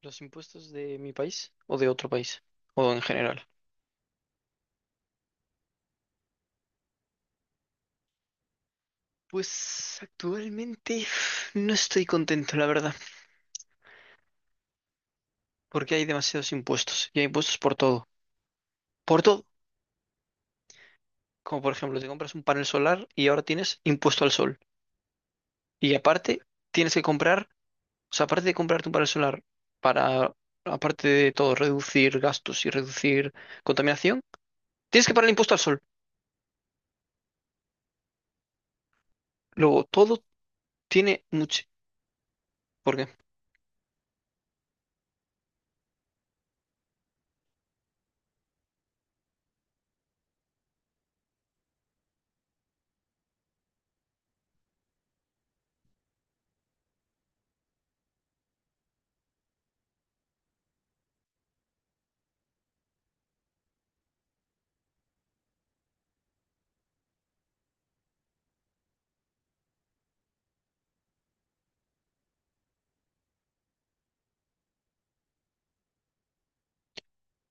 ¿Los impuestos de mi país o de otro país? ¿O en general? Pues actualmente no estoy contento, la verdad, porque hay demasiados impuestos y hay impuestos por todo. Por todo. Como por ejemplo, te compras un panel solar y ahora tienes impuesto al sol. Y aparte, tienes que comprar, o sea, aparte de comprarte un panel solar para, aparte de todo, reducir gastos y reducir contaminación, tienes que pagar el impuesto al sol. Luego, todo tiene mucho. ¿Por qué?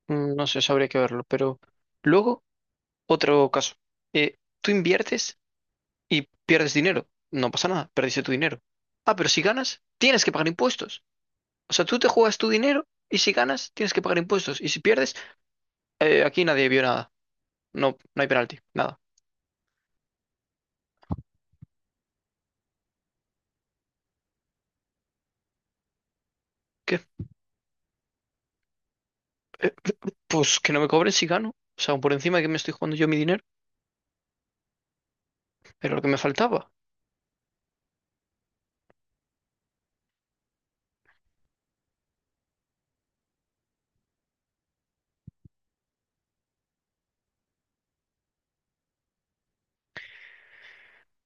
No sé, eso habría que verlo, pero luego... Otro caso. Tú inviertes y pierdes dinero. No pasa nada, perdiste tu dinero. Ah, pero si ganas, tienes que pagar impuestos. O sea, tú te juegas tu dinero y si ganas, tienes que pagar impuestos. Y si pierdes, aquí nadie vio nada. No, no hay penalti, nada. ¿Qué? Eh, pues que no me cobren si gano. O sea, por encima de que me estoy jugando yo mi dinero, era lo que me faltaba.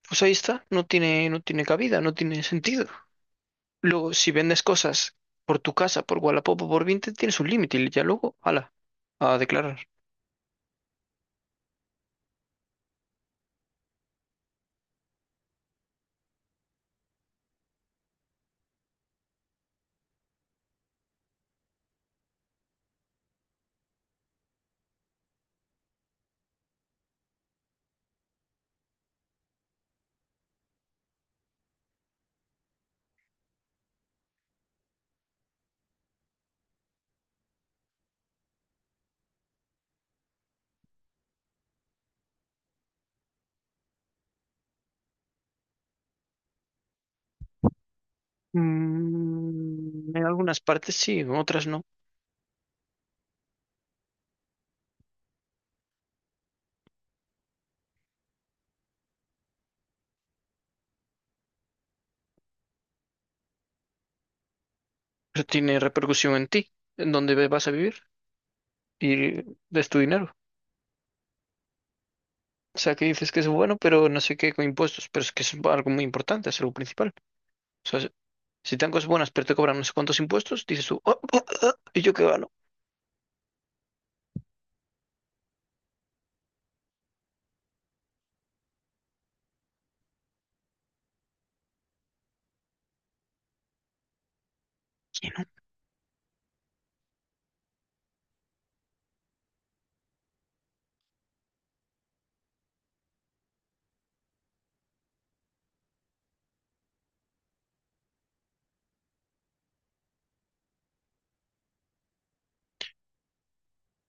Pues ahí está, no tiene, no tiene cabida, no tiene sentido. Luego, si vendes cosas por tu casa, por Wallapop o por Vinted, tienes un límite y ya luego, ala, a declarar. Mm, en algunas partes sí, en otras no. Pero tiene repercusión en ti, en dónde vas a vivir y es tu dinero. O sea, que dices que es bueno, pero no sé qué con impuestos, pero es que es algo muy importante, es algo principal. O sea, si te dan cosas buenas, pero te cobran no sé cuántos impuestos, dices tú, "Oh, oh, oh, ¿y yo qué gano?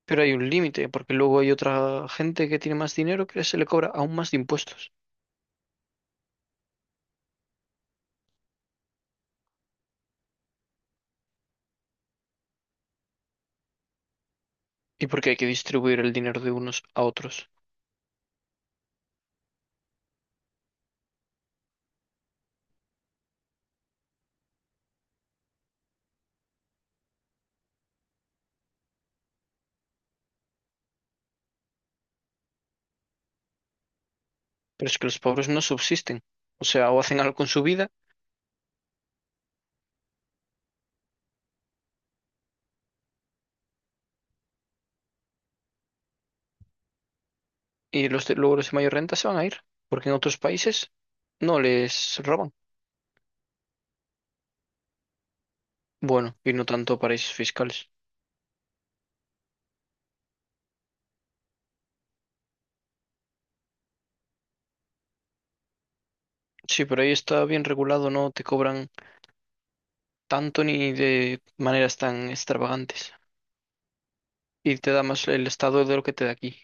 Pero hay un límite, porque luego hay otra gente que tiene más dinero que se le cobra aún más de impuestos. Y porque hay que distribuir el dinero de unos a otros. Pero es que los pobres no subsisten. O sea, o hacen algo con su vida, y los de, luego los de mayor renta se van a ir, porque en otros países no les roban. Bueno, y no tanto paraísos fiscales. Sí, pero ahí está bien regulado, no te cobran tanto ni de maneras tan extravagantes. Y te da más el Estado de lo que te da aquí.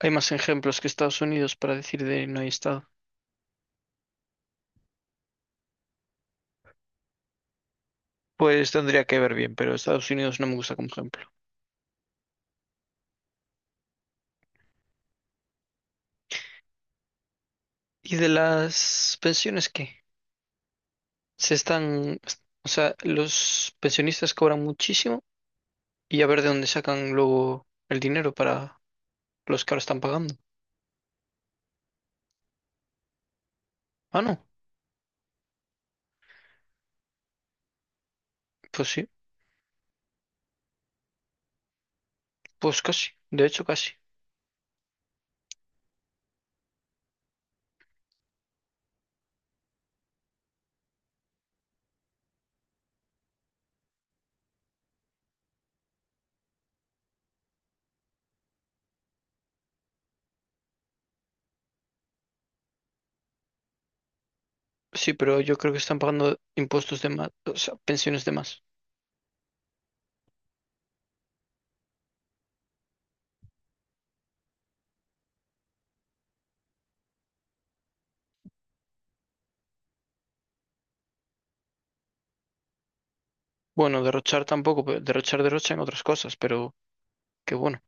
Hay más ejemplos que Estados Unidos para decir de no hay Estado. Pues tendría que ver bien, pero Estados Unidos no me gusta como ejemplo. ¿Y de las pensiones qué? Se están, o sea, los pensionistas cobran muchísimo y a ver de dónde sacan luego el dinero para los que ahora están pagando. Ah, no, pues sí, pues casi, de hecho casi. Sí, pero yo creo que están pagando impuestos de más, o sea, pensiones de más. Bueno, derrochar tampoco, pero derrochar derrocha en otras cosas, pero qué bueno.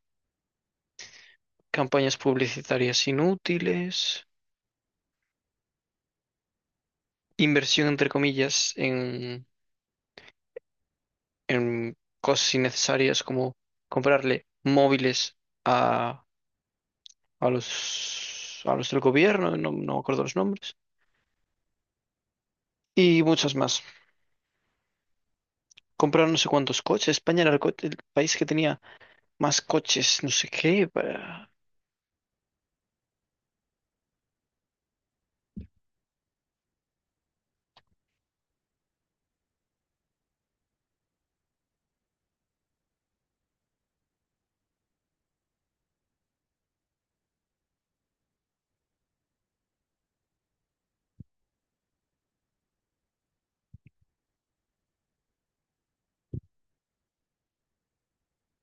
Campañas publicitarias inútiles, inversión entre comillas en cosas innecesarias como comprarle móviles a, a los del gobierno, no, no me acuerdo los nombres, y muchas más. Compraron no sé cuántos coches. España era el, el país que tenía más coches, no sé qué, para...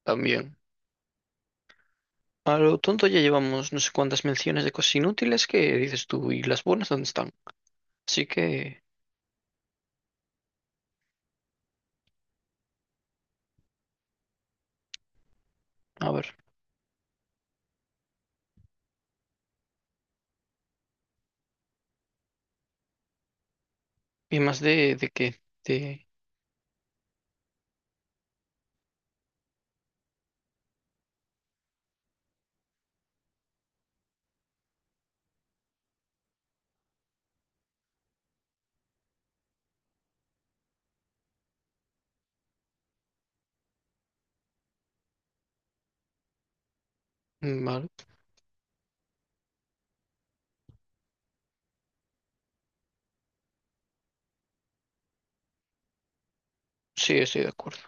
También. A lo tonto ya llevamos no sé cuántas menciones de cosas inútiles que dices tú, ¿y las buenas dónde están? Así que, a ver, ¿y más de qué? De... Vale. Sí, estoy de acuerdo.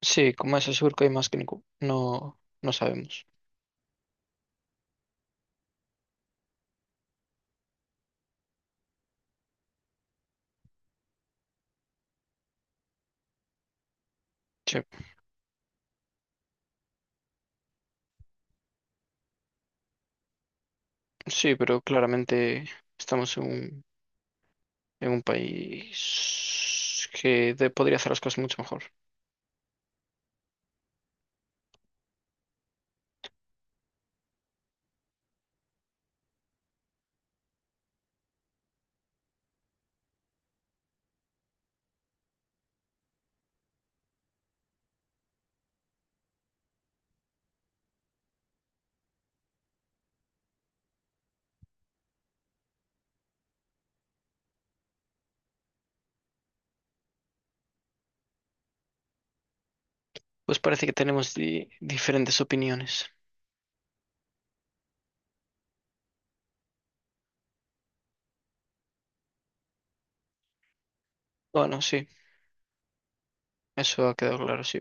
Sí, como es seguro que hay más que ningún- No, no sabemos. Sí, sí, pero claramente estamos en un país que podría hacer las cosas mucho mejor. Pues parece que tenemos diferentes opiniones. Bueno, sí, eso ha quedado claro, sí.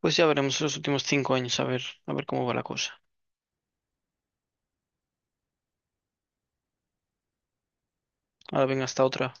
Pues ya veremos los últimos 5 años, a ver cómo va la cosa. Ahora venga, hasta otra.